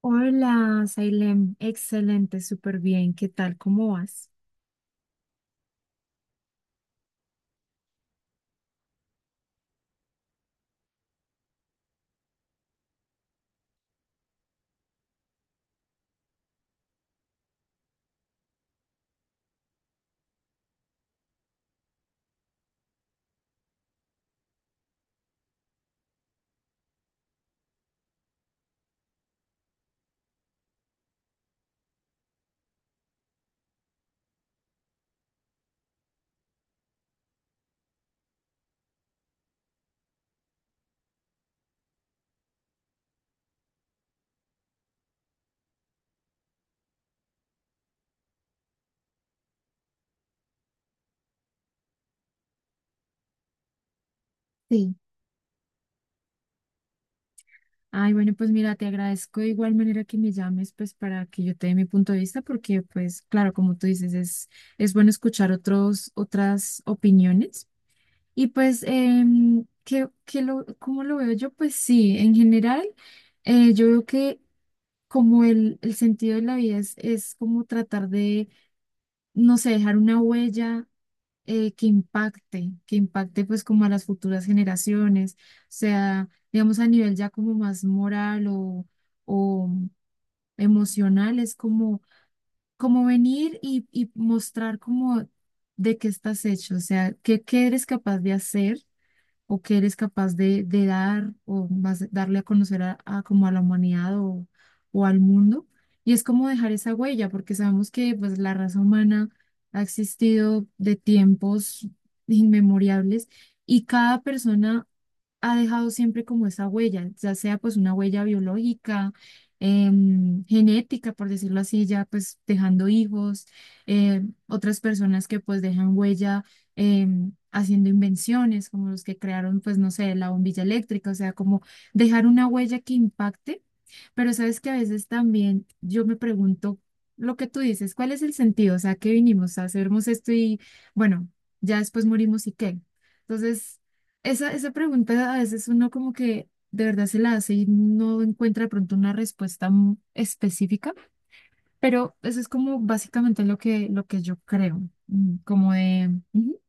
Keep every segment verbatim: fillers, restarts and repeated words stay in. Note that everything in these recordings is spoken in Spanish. Hola, Sailem. Excelente, súper bien. ¿Qué tal? ¿Cómo vas? Sí. Ay, bueno, pues mira, te agradezco de igual manera que me llames, pues para que yo te dé mi punto de vista, porque pues claro, como tú dices, es, es bueno escuchar otros, otras opiniones. Y pues, em, ¿qué- qué lo, ¿cómo lo veo yo? Pues sí, en general, eh, yo veo que como el, el sentido de la vida es, es como tratar de, no sé, dejar una huella eh, que impacte, que impacte pues como a las futuras generaciones, o sea, digamos a nivel ya como más moral o, o emocional, es como, como venir y, y mostrar como de qué estás hecho, o sea, qué, qué eres capaz de hacer o qué eres capaz de, de dar o más darle a conocer a, a como a la humanidad o, o al mundo. Y es como dejar esa huella, porque sabemos que pues la raza humana ha existido de tiempos inmemoriales y cada persona ha dejado siempre como esa huella, ya sea pues una huella biológica, em, genética, por decirlo así, ya pues dejando hijos, em, otras personas que pues dejan huella em, haciendo invenciones, como los que crearon pues no sé, la bombilla eléctrica, o sea, como dejar una huella que impacte, pero sabes que a veces también yo me pregunto lo que tú dices, ¿cuál es el sentido? O sea, ¿qué vinimos a hacermos esto y bueno, ya después morimos y qué? Entonces... Esa, esa pregunta a veces uno como que de verdad se la hace y no encuentra de pronto una respuesta m- específica, pero eso es como básicamente lo que, lo que yo creo, mm, como de, ujú,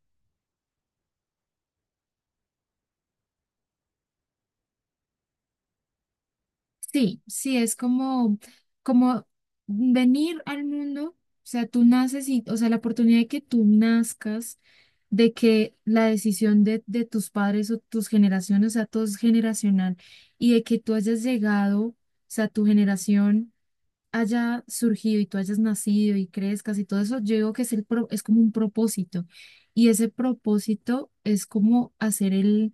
sí, sí, es como, como venir al mundo, o sea, tú naces y, o sea, la oportunidad de que tú nazcas, de que la decisión de, de tus padres o tus generaciones, o sea, todo es generacional, y de que tú hayas llegado, o sea, tu generación haya surgido y tú hayas nacido y crezcas y todo eso, yo digo que es, el pro- es como un propósito. Y ese propósito es como hacer el,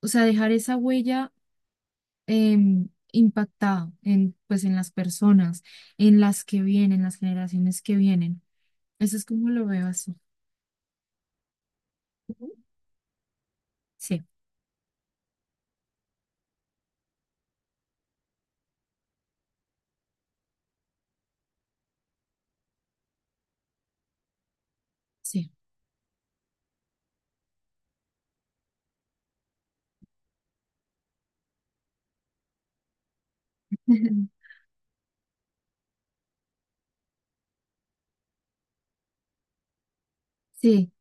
o sea, dejar esa huella em, impactada en, pues, en las personas, en las que vienen, las generaciones que vienen. Eso es como lo veo así. Ujú. Sí, sí. Sí,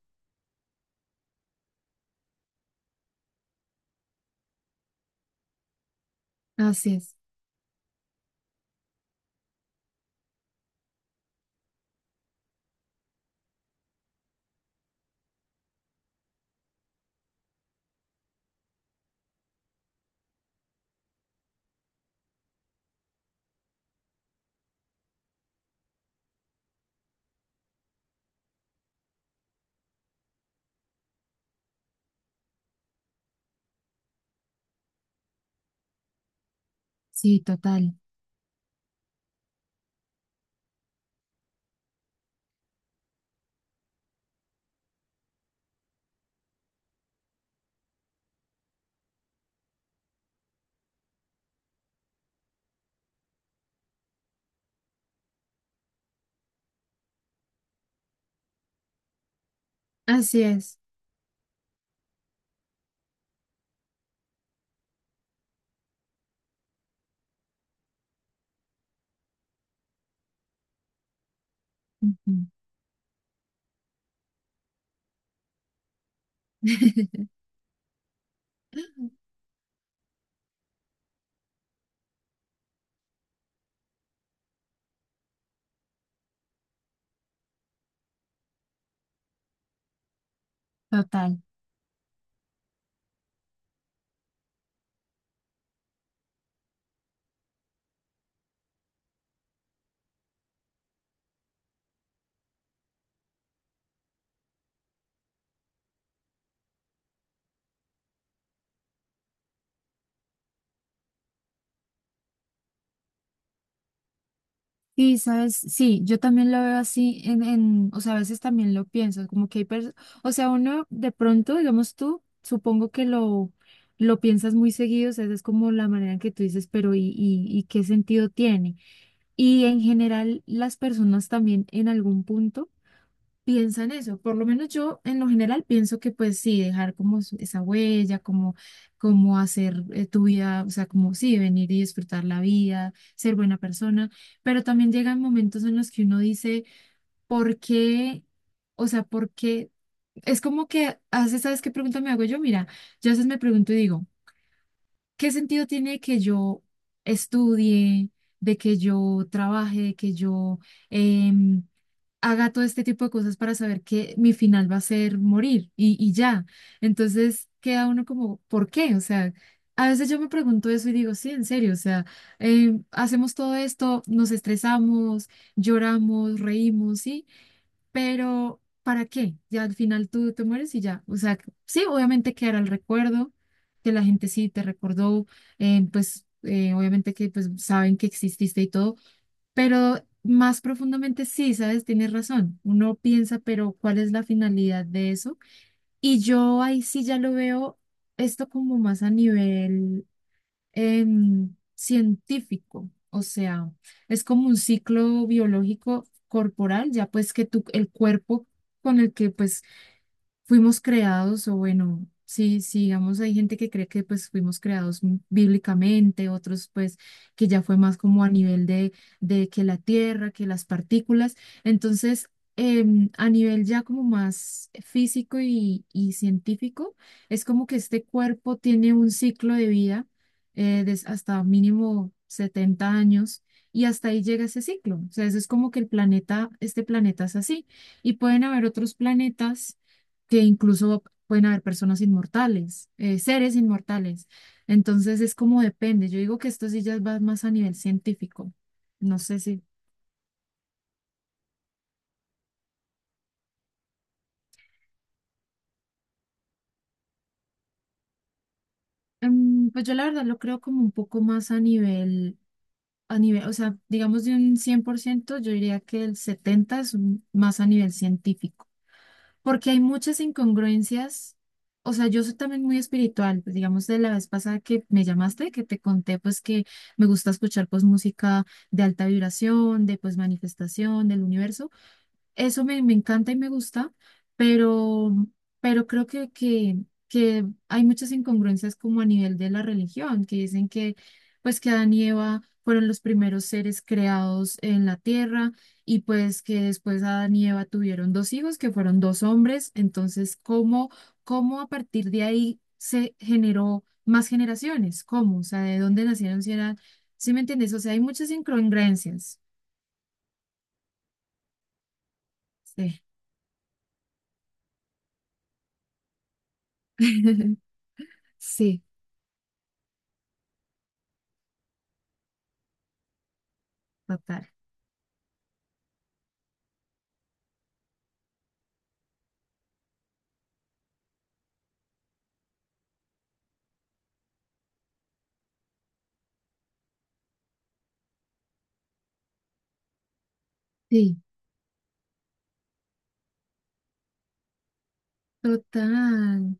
así es. Sí, total. Así es. Ujú. Total. Sí, sabes, sí, yo también lo veo así en, en, o sea, a veces también lo pienso, como que hay personas, o sea, uno de pronto, digamos tú, supongo que lo, lo piensas muy seguido, o sea, esa es como la manera en que tú dices, pero ¿y, y, y qué sentido tiene? Y en general, las personas también en algún punto piensa en eso. Por lo menos yo en lo general pienso que pues sí, dejar como s- esa huella, como, como hacer eh, tu vida, o sea, como sí, venir y disfrutar la vida, ser buena persona, pero también llegan momentos en los que uno dice, ¿por qué? O sea, ¿por qué? Es como que, a veces, ¿sabes qué pregunta me hago yo? Mira, yo a veces me pregunto y digo, ¿qué sentido tiene que yo estudie, de que yo trabaje, de que yo... em, haga todo este tipo de cosas para saber que mi final va a ser morir y, y ya. Entonces queda uno como, ¿por qué? O sea, a veces yo me pregunto eso y digo, sí, en serio, o sea, eh, hacemos todo esto, nos estresamos, lloramos, reímos, sí, pero ¿para qué? Ya al final tú te mueres y ya. O sea, sí, obviamente quedará el recuerdo, que la gente sí te recordó, eh, pues... eh, obviamente que pues saben que exististe y todo, pero más profundamente sí, sabes, tienes razón. Uno piensa, pero ¿cuál es la finalidad de eso? Y yo ahí sí ya lo veo esto como más a nivel em, científico. O sea, es como un ciclo biológico corporal, ya pues que tu, el cuerpo con el que pues fuimos creados, o bueno, sí, sí, digamos, hay gente que cree que pues fuimos creados m- bíblicamente, otros pues que ya fue más como a nivel de, de que la tierra, que las partículas. Entonces, em, a nivel ya como más físico y, y científico, es como que este cuerpo tiene un ciclo de vida eh, des- hasta mínimo setenta años. Y hasta ahí llega ese ciclo. O sea, eso es como que el planeta, este planeta es así. Y pueden haber otros planetas que incluso pueden haber personas inmortales, eh, seres inmortales. Entonces es como depende. Yo digo que esto sí ya va más a nivel científico. No sé si, em, pues yo la verdad lo creo como un poco más a nivel, a nivel, o sea, digamos de un cien por ciento, yo diría que el setenta es un- más a nivel científico, porque hay muchas incongruencias. O sea, yo soy también muy espiritual, pues, digamos, de la vez pasada que me llamaste, que te conté, pues que me gusta escuchar pues música de alta vibración, de pues manifestación, del universo. Eso me, me encanta y me gusta, pero, pero creo que, que, que hay muchas incongruencias como a nivel de la religión, que dicen que pues que Adán y Eva fueron los primeros seres creados en la tierra y pues que después Adán y Eva tuvieron dos hijos que fueron dos hombres, entonces ¿cómo, cómo a partir de ahí se generó más generaciones? ¿Cómo? O sea, ¿de dónde nacieron si eran, ¿sí me entiendes? O sea, hay muchas incongruencias. Sí. Sí, total. Sí, total.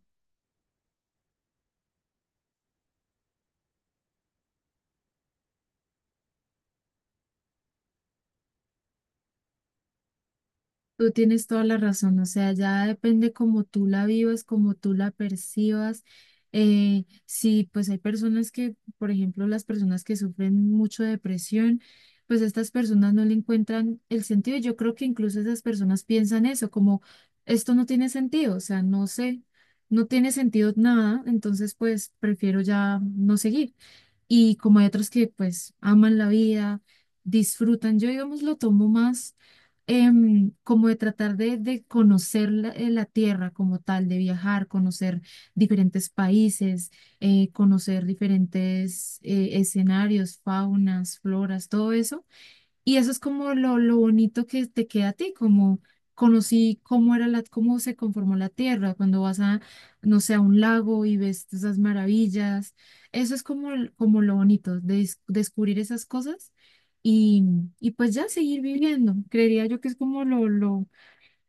Tú tienes toda la razón. O sea, ya depende cómo tú la vivas, cómo tú la percibas. Eh, sí, pues hay personas que, por ejemplo, las personas que sufren mucho de depresión, pues estas personas no le encuentran el sentido. Yo creo que incluso esas personas piensan eso, como esto no tiene sentido. O sea, no sé, no tiene sentido nada. Entonces, pues prefiero ya no seguir. Y como hay otros que pues aman la vida, disfrutan. Yo, digamos, lo tomo más em, como de tratar de, de conocer la, eh, la tierra como tal, de viajar, conocer diferentes países, eh, conocer diferentes eh, escenarios, faunas, floras, todo eso. Y eso es como lo, lo bonito que te queda a ti, como conocí cómo era la, cómo se conformó la tierra, cuando vas a, no sé, a un lago y ves esas maravillas. Eso es como, el- como lo bonito, des- descubrir esas cosas y, y pues ya seguir viviendo. Creería yo que es como lo, lo,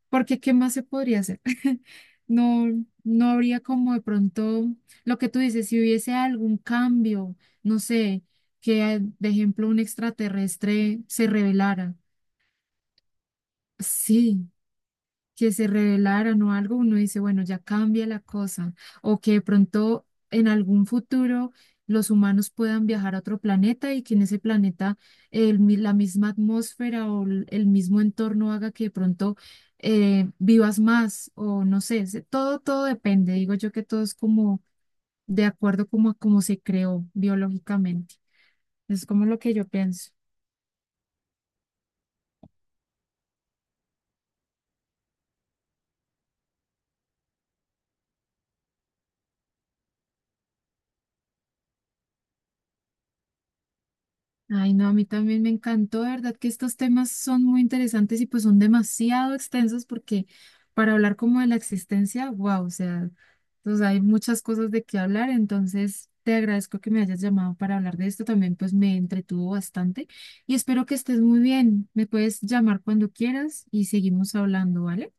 porque ¿qué más se podría hacer? No, no habría como de pronto lo que tú dices, si hubiese algún cambio, no sé, que de ejemplo un extraterrestre se revelara. Sí, que se revelaran o algo, uno dice, bueno, ya cambia la cosa, o que de pronto en algún futuro los humanos puedan viajar a otro planeta y que en ese planeta el mi- la misma atmósfera o l- el mismo entorno haga que de pronto eh, vivas más o no sé, se- todo, todo depende, digo yo que todo es como de acuerdo como a cómo se creó biológicamente, es como lo que yo pienso. Ay, no, a mí también me encantó, de verdad que estos temas son muy interesantes y pues son demasiado extensos porque para hablar como de la existencia, wow, o sea, pues hay muchas cosas de qué hablar, entonces te agradezco que me hayas llamado para hablar de esto, también pues me entretuvo bastante y espero que estés muy bien, me puedes llamar cuando quieras y seguimos hablando, ¿vale?